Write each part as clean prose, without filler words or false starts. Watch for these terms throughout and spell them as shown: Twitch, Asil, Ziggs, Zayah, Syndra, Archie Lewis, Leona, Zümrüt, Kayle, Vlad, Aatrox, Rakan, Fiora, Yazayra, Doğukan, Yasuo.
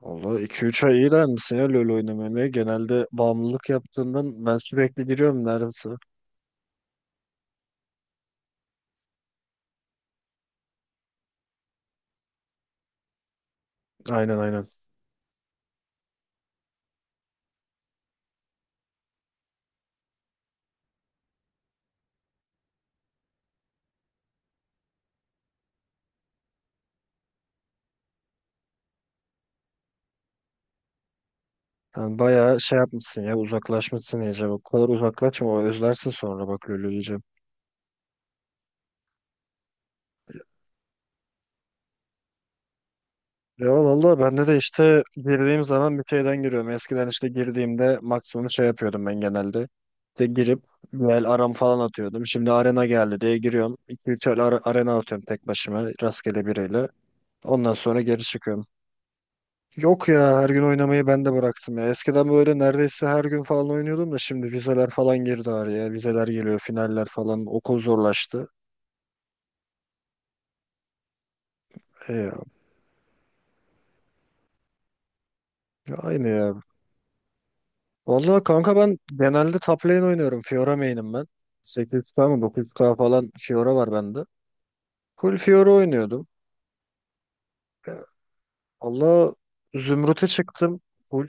Valla 2-3 ay iyi misin ya LoL oynamamaya. Genelde bağımlılık yaptığından ben sürekli giriyorum neredeyse. Aynen aynen. Sen bayağı şey yapmışsın ya uzaklaşmışsın iyice. O kadar uzaklaşma o özlersin sonra bak LoL'ü iyice. Ya valla bende de işte girdiğim zaman bir şeyden giriyorum. Eskiden işte girdiğimde maksimum şey yapıyordum ben genelde. İşte girip Vel aram falan atıyordum. Şimdi arena geldi diye giriyorum. 2-3 arena atıyorum tek başıma rastgele biriyle. Ondan sonra geri çıkıyorum. Yok ya her gün oynamayı ben de bıraktım ya. Eskiden böyle neredeyse her gün falan oynuyordum da şimdi vizeler falan girdi araya. Vizeler geliyor, finaller falan. Okul zorlaştı. E ya, ya aynı ya. Vallahi kanka ben genelde top lane oynuyorum. Fiora main'im ben. 800K mı 900K falan Fiora var bende. Full Fiora oynuyordum. Ya, Valla Zümrüt'e çıktım. Full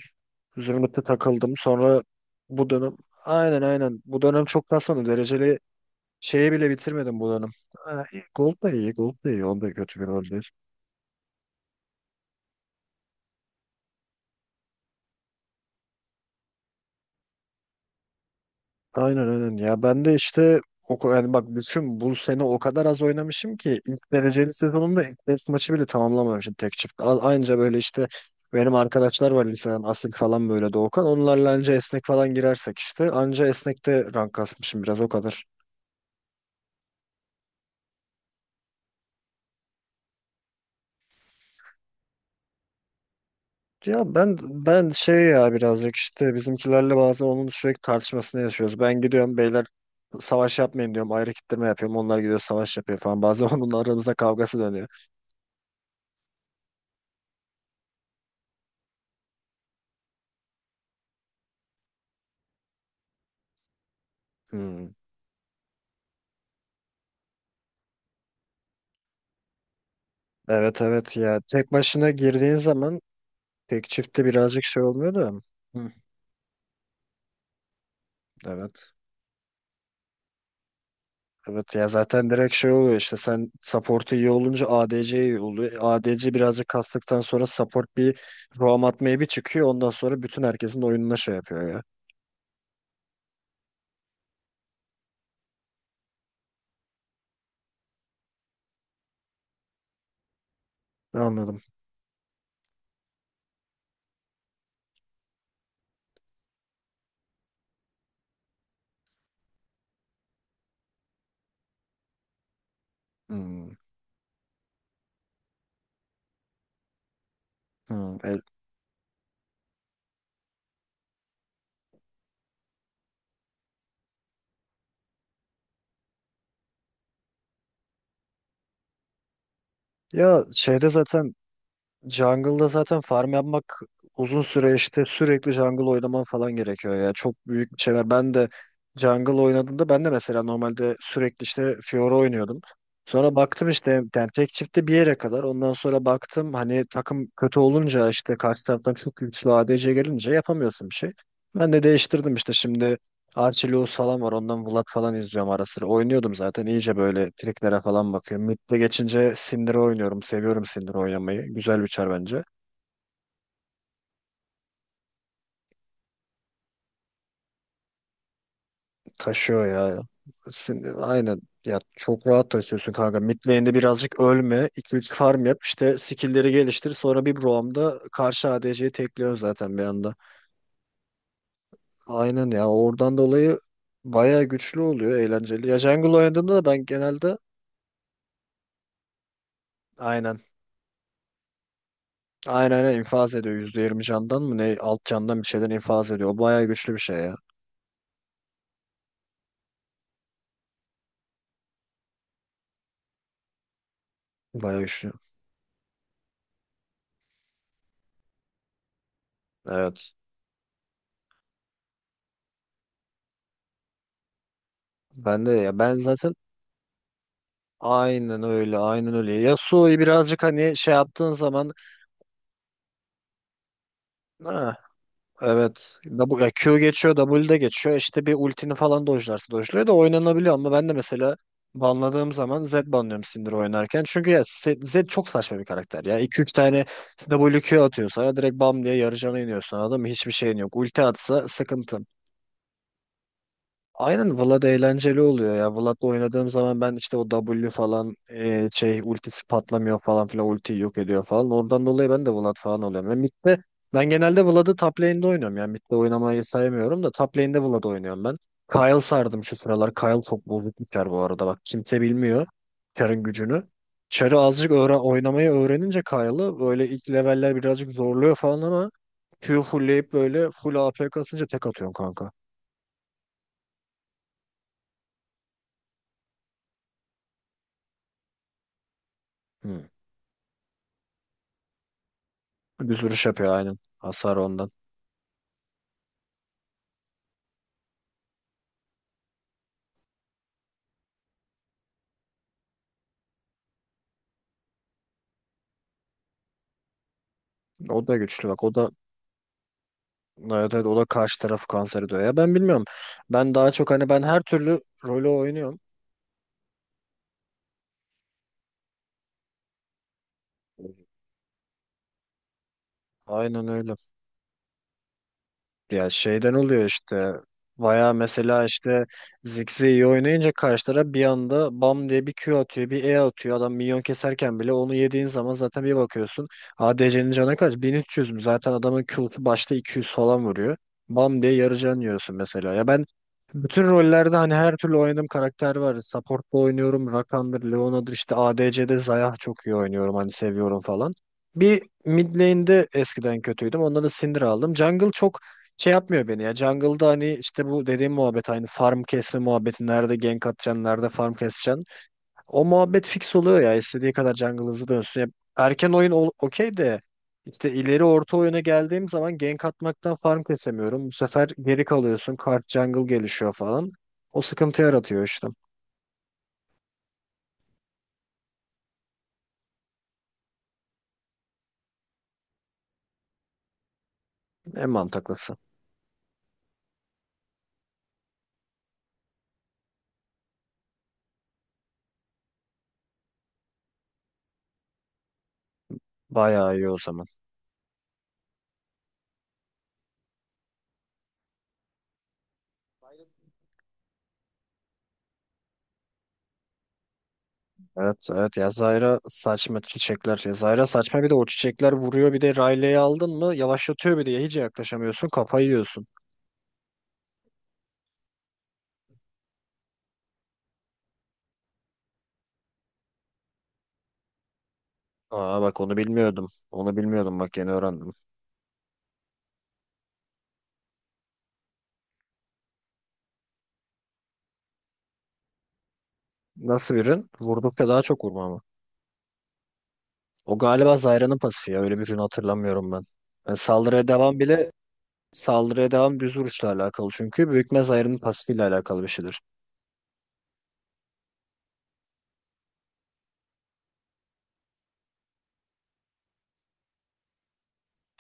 Zümrüt'e takıldım. Sonra bu dönem aynen aynen bu dönem çok kasmadım. Dereceli şeyi bile bitirmedim bu dönem. Ha, iyi. Gold da iyi, Gold da iyi. Onda kötü bir rol değil. Aynen aynen. Ya ben de işte yani bak düşün bu sene o kadar az oynamışım ki ilk dereceli sezonumda ilk test maçı bile tamamlamamışım tek çift. Aynıca böyle işte benim arkadaşlar var liseden Asil falan böyle Doğukan. Onlarla anca esnek falan girersek işte. Anca esnekte rank kasmışım biraz o kadar. Ya ben şey ya birazcık işte bizimkilerle bazen onun sürekli tartışmasını yaşıyoruz. Ben gidiyorum beyler savaş yapmayın diyorum. Ayrı kitleme yapıyorum. Onlar gidiyor savaş yapıyor falan. Bazen onun aramızda kavgası dönüyor. Hmm. Evet evet ya tek başına girdiğin zaman tek çifte birazcık şey olmuyor da. Hı, evet. Evet ya zaten direkt şey oluyor işte sen support'u iyi olunca ADC iyi oluyor. ADC birazcık kastıktan sonra support bir roam atmaya bir çıkıyor. Ondan sonra bütün herkesin oyununa şey yapıyor ya. Anladım. Hmm. Hmm, evet. Ya şeyde zaten jungle'da zaten farm yapmak uzun süre işte sürekli jungle oynaman falan gerekiyor ya. Çok büyük bir şey var. Ben de jungle oynadığımda ben de mesela normalde sürekli işte Fiora oynuyordum. Sonra baktım işte yani tek çifte bir yere kadar. Ondan sonra baktım hani takım kötü olunca işte karşı taraftan çok güçlü ADC gelince yapamıyorsun bir şey. Ben de değiştirdim işte şimdi Archie Lewis falan var. Ondan Vlad falan izliyorum ara sıra. Oynuyordum zaten. İyice böyle triklere falan bakıyorum. Mid'de geçince Syndra oynuyorum. Seviyorum Syndra oynamayı. Güzel bir çar bence. Taşıyor ya. Aynen. Ya çok rahat taşıyorsun kanka. Mid lane'de birazcık ölme. İki üç farm yap. İşte skill'leri geliştir. Sonra bir roam'da karşı ADC'yi tekliyor zaten bir anda. Aynen ya. Oradan dolayı bayağı güçlü oluyor. Eğlenceli. Ya jungle oynadığımda da ben genelde aynen. Aynen aynen infaz ediyor. %20 candan mı ne alt candan bir şeyden infaz ediyor. O bayağı güçlü bir şey ya. Bayağı güçlü. Evet. Ben de ya ben zaten aynen öyle aynen öyle. Yasuo'yu birazcık hani şey yaptığın zaman ha, evet ya Q geçiyor W de geçiyor işte bir ultini falan dojlarsa dojluyor da oynanabiliyor ama ben de mesela banladığım zaman Z banlıyorum Syndra oynarken. Çünkü ya Z çok saçma bir karakter ya. İki üç tane W Q atıyor sana direkt bam diye yarı cana iniyorsun anladın mı? Hiçbir şeyin yok. Ulti atsa sıkıntı. Aynen Vlad eğlenceli oluyor ya. Vlad'la oynadığım zaman ben işte o W falan şey ultisi patlamıyor falan filan ultiyi yok ediyor falan. Oradan dolayı ben de Vlad falan oluyorum. Ben mid'de ben genelde Vlad'ı top lane'de oynuyorum. Yani mid'de oynamayı saymıyorum da top lane'de Vlad oynuyorum ben. Kayle sardım şu sıralar. Kayle çok bozuk bir çar bu arada. Bak kimse bilmiyor çarın gücünü. Çarı azıcık öğren oynamayı öğrenince Kyle'ı böyle ilk leveller birazcık zorluyor falan ama Q fullleyip böyle full AP kasınca tek atıyorsun kanka. Düz vuruş yapıyor aynen. Hasar ondan. O da güçlü bak. O da evet, evet, o da karşı tarafı kanser ediyor. Ya ben bilmiyorum. Ben daha çok hani ben her türlü rolü oynuyorum. Aynen öyle. Ya şeyden oluyor işte. Baya mesela işte Ziggs'i iyi oynayınca karşı taraf bir anda bam diye bir Q atıyor, bir E atıyor. Adam minyon keserken bile onu yediğin zaman zaten bir bakıyorsun. ADC'nin canı kaç? 1300 mü? Zaten adamın Q'su başta 200 falan vuruyor. Bam diye yarı can yiyorsun mesela. Ya ben bütün rollerde hani her türlü oynadığım karakter var. Support'ta oynuyorum. Rakan'dır, Leona'dır işte ADC'de Zayah çok iyi oynuyorum. Hani seviyorum falan. Bir mid lane'de eskiden kötüydüm. Ondan da Syndra aldım. Jungle çok şey yapmıyor beni ya. Jungle'da hani işte bu dediğim muhabbet aynı farm kesme muhabbeti. Nerede gank atacaksın, nerede farm keseceksin. O muhabbet fix oluyor ya. İstediği kadar jungle hızlı dönsün. Ya okey de işte ileri orta oyuna geldiğim zaman gank atmaktan farm kesemiyorum. Bu sefer geri kalıyorsun. Kart jungle gelişiyor falan. O sıkıntı yaratıyor işte. En mantıklısı. Bayağı iyi o zaman. Evet evet Yazayra saçma çiçekler. Yazayra saçma bir de o çiçekler vuruyor bir de Riley'i aldın mı yavaşlatıyor bir de hiç yaklaşamıyorsun kafayı yiyorsun. Aa bak onu bilmiyordum. Onu bilmiyordum bak yeni öğrendim. Nasıl bir rün? Vurdukça daha çok vurma mı? O galiba Zayra'nın pasifi ya öyle bir rün hatırlamıyorum ben. Yani saldırıya devam bile Saldırıya devam düz vuruşla alakalı çünkü büyükme Zayra'nın pasifiyle alakalı bir şeydir.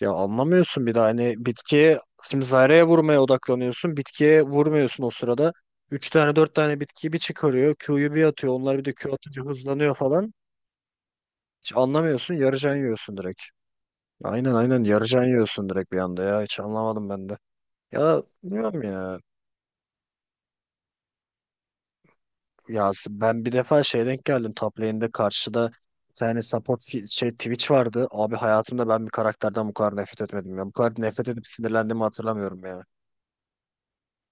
Ya anlamıyorsun bir de hani bitkiye simzareye vurmaya odaklanıyorsun. Bitkiye vurmuyorsun o sırada. Üç tane dört tane bitkiyi bir çıkarıyor. Q'yu bir atıyor. Onlar bir de Q atınca hızlanıyor falan. Hiç anlamıyorsun. Yarıcan yiyorsun direkt. Aynen aynen yarıcan yiyorsun direkt bir anda ya. Hiç anlamadım ben de. Ya bilmiyorum ya. Ya ben bir defa şey denk geldim. Top lane'de karşıda bir tane şey Twitch vardı. Abi hayatımda ben bir karakterden bu kadar nefret etmedim ya. Bu kadar nefret edip sinirlendiğimi hatırlamıyorum ya.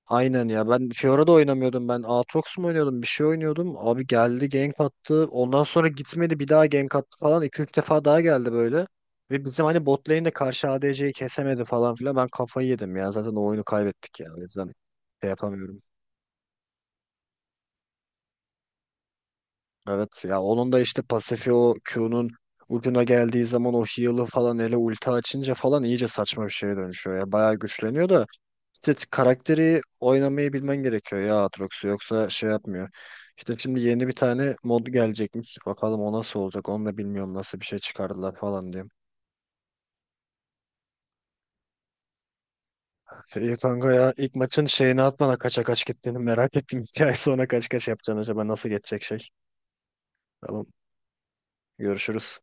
Aynen ya ben Fiora'da oynamıyordum ben Aatrox mu oynuyordum bir şey oynuyordum abi geldi gank attı ondan sonra gitmedi bir daha gank attı falan iki üç defa daha geldi böyle ve bizim hani bot lane'de karşı ADC'yi kesemedi falan filan ben kafayı yedim ya zaten o oyunu kaybettik ya o yüzden şey yapamıyorum. Evet ya onun da işte pasifi o Q'nun ucuna geldiği zaman o heal'ı falan ulti açınca falan iyice saçma bir şeye dönüşüyor ya bayağı güçleniyor da İşte karakteri oynamayı bilmen gerekiyor ya Aatrox'u yoksa şey yapmıyor. İşte şimdi yeni bir tane mod gelecekmiş. Bakalım o nasıl olacak onu da bilmiyorum nasıl bir şey çıkardılar falan diyorum. İyi kanka ya ilk maçın şeyini atmana kaça kaç gittiğini merak ettim. Bir ay sonra kaç kaç yapacaksın acaba nasıl geçecek şey. Tamam görüşürüz.